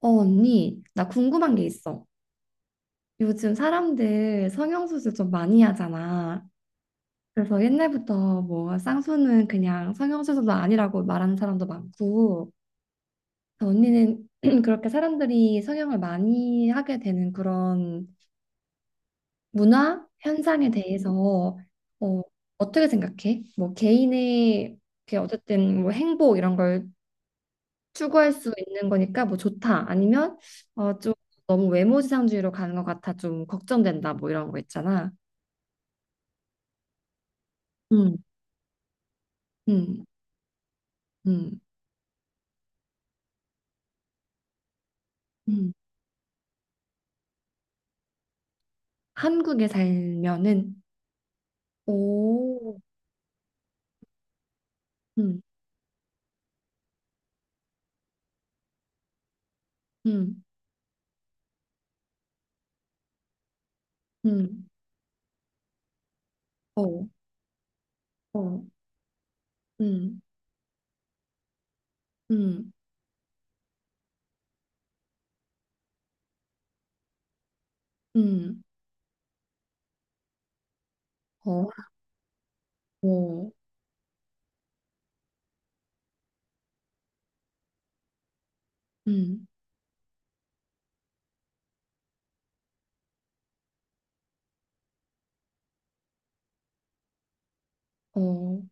어, 언니, 나 궁금한 게 있어. 요즘 사람들 성형수술 좀 많이 하잖아. 그래서 옛날부터 뭐 쌍수는 그냥 성형수술도 아니라고 말하는 사람도 많고, 언니는 그렇게 사람들이 성형을 많이 하게 되는 그런 문화 현상에 대해서 어, 어떻게 생각해? 뭐 개인의 그 어쨌든 뭐 행복 이런 걸 추구할 수 있는 거니까 뭐 좋다. 아니면 어, 좀 너무 외모지상주의로 가는 것 같아. 좀 걱정된다. 뭐 이런 거 있잖아. 음. 음. 음. 음. 한국에 살면은 오. 음. 음. 음. 어. 어. 음. 음. 음. 어. 오. 음. 어.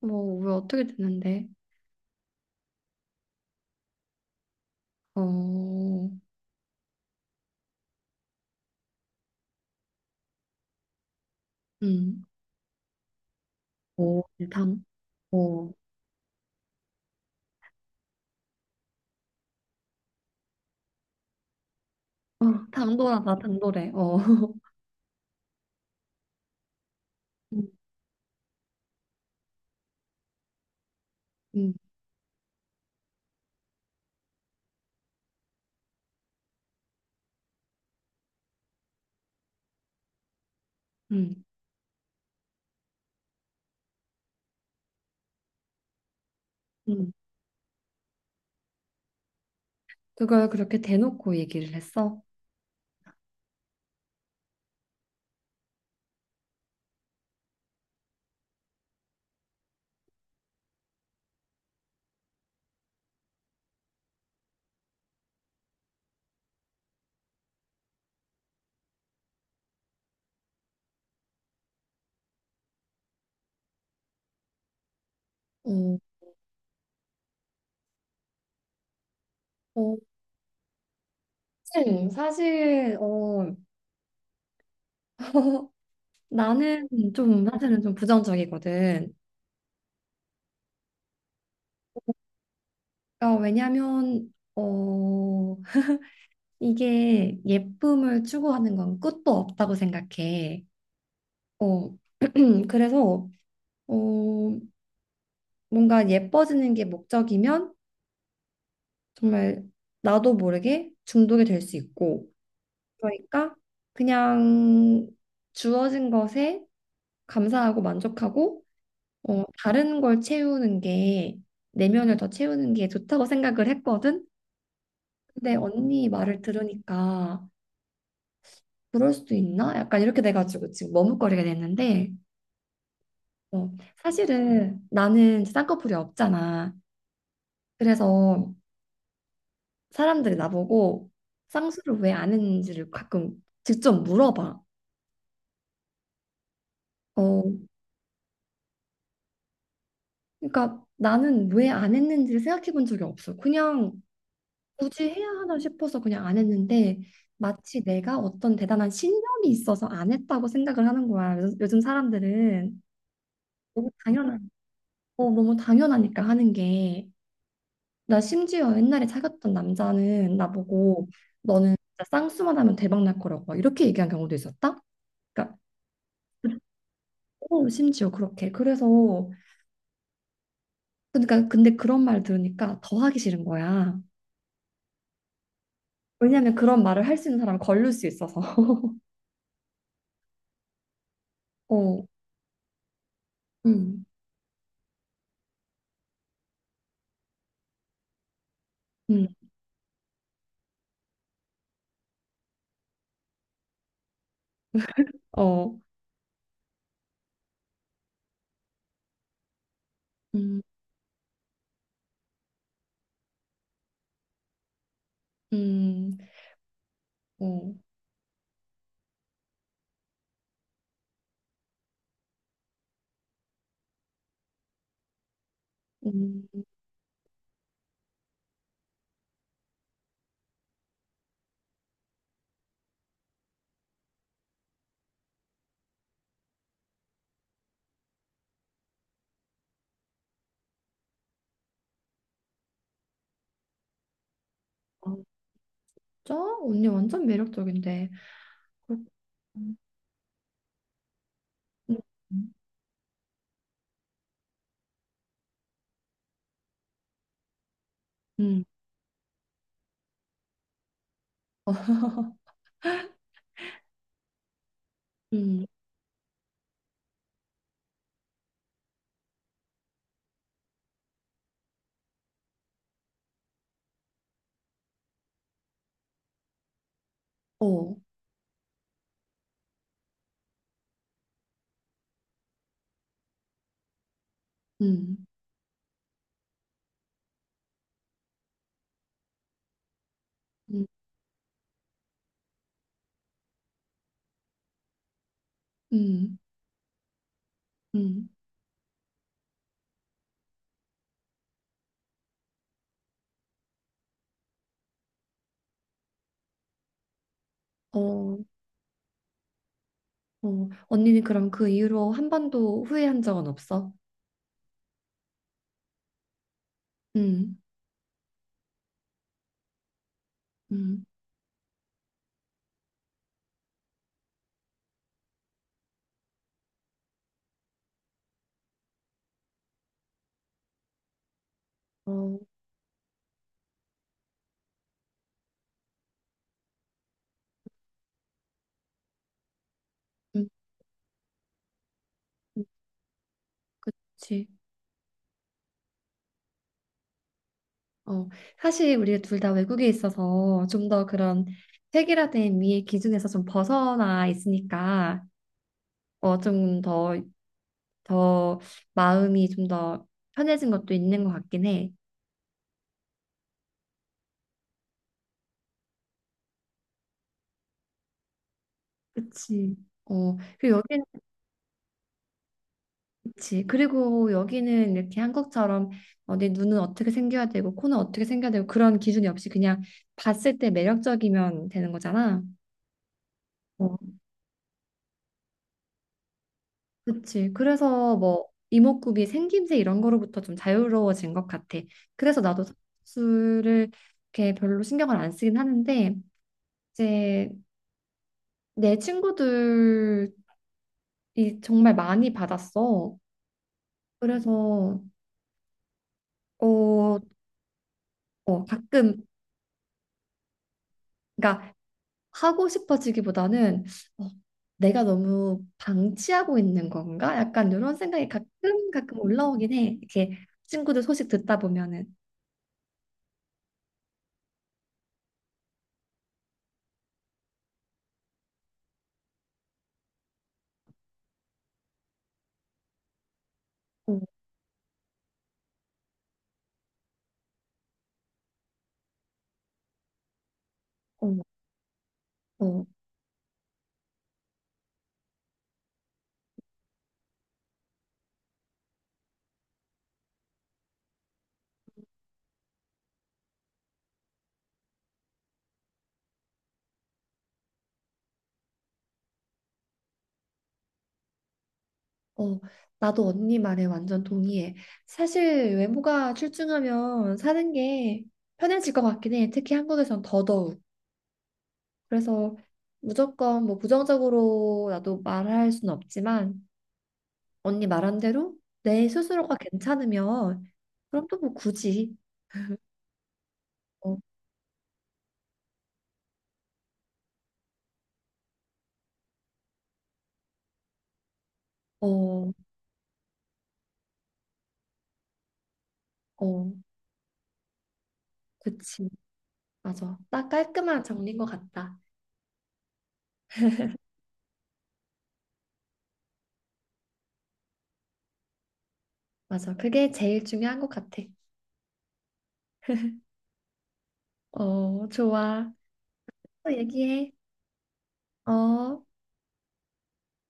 뭐, 왜 어떻게 되는데? 어. 음. 오. 당, 어, 어, 당돌하다, 당돌해, 어, 음. 음. 음. 음. 그걸 그렇게 대놓고 얘기를 했어? 어. 어. 어, 나는 좀, 사실은 좀 부정적이거든. 어, 왜냐면, 어, 이게 예쁨을 추구하는 건 끝도 없다고 생각해. 어, 그래서, 어, 뭔가 예뻐지는 게 목적이면 정말 나도 모르게 중독이 될 수 있고, 그러니까 그냥 주어진 것에 감사하고 만족하고, 어, 다른 걸 채우는 게 내면을 더 채우는 게 좋다고 생각을 했거든. 근데 언니 말을 들으니까 그럴 수도 있나? 약간 이렇게 돼가지고 지금 머뭇거리게 됐는데 어, 사실은 나는 이제 쌍꺼풀이 없잖아. 그래서 사람들이 나보고 쌍수를 왜 안 했는지를 가끔 직접 물어봐. 어, 그러니까 나는 왜 안 했는지를 생각해 본 적이 없어. 그냥 굳이 해야 하나 싶어서 그냥 안 했는데 마치 내가 어떤 대단한 신념이 있어서 안 했다고 생각을 하는 거야. 요즘 사람들은 너무 당연한, 어, 너무 당연하니까 하는 게. 나 심지어 옛날에 사귀었던 남자는 나보고 너는 진짜 쌍수만 하면 대박 날 거라고 막 이렇게 얘기한 경우도 있었다. 그러니까 어, 심지어 그렇게. 그래서 그러니까 근데 그런 말 들으니까 더 하기 싫은 거야. 왜냐면 그런 말을 할 수 있는 사람을 걸릴 수 있어서. 어. 음. 음. 어. 음. 음. 어. 음. 맞 언니 완전 매력적인데. 그렇군. 음. 음. 음. 어. 음. 음. 음. 음. 어. 어. 언니는 그럼 그 이후로 한 번도 후회한 적은 없어? 음. 음. 어. 음. 음. 그치. 어, 사실 우리가 둘 다 외국에 있어서 좀 더 그런 획일화된 미의 기준에서 좀 벗어나 있으니까 어, 좀더 더 마음이 좀 더 편해진 것도 있는 것 같긴 해. 그치. 어, 그리고 여기는 그치. 그리고 여기는 이렇게 한국처럼 어, 내 눈은 어떻게 생겨야 되고 코는 어떻게 생겨야 되고 그런 기준이 없이 그냥 봤을 때 매력적이면 되는 거잖아. 어, 그치. 그래서 뭐 이목구비 생김새 이런 거로부터 좀 자유로워진 것 같아. 그래서 나도 수를 이렇게 별로 신경을 안 쓰긴 하는데 이제 내 친구들 이 정말 많이 받았어. 그래서 어, 어, 가끔 그러니까 하고 싶어지기보다는 어, 내가 너무 방치하고 있는 건가? 약간 이런 생각이 가끔 가끔 올라오긴 해. 이렇게 친구들 소식 듣다 보면은 어. 어. 어. 어, 나도 언니 말에 완전 동의해. 사실 외모가 출중하면 사는 게 편해질 것 같긴 해. 특히 한국에선 더더욱. 그래서 무조건 뭐 부정적으로 나도 말할 순 없지만 언니 말한 대로 내 스스로가 괜찮으면 그럼 또 뭐 굳이 어. 어. 어. 그치. 맞아. 딱 깔끔한 정리인 것 같다. 맞아. 그게 제일 중요한 것 같아. 어, 좋아. 또 얘기해. 어.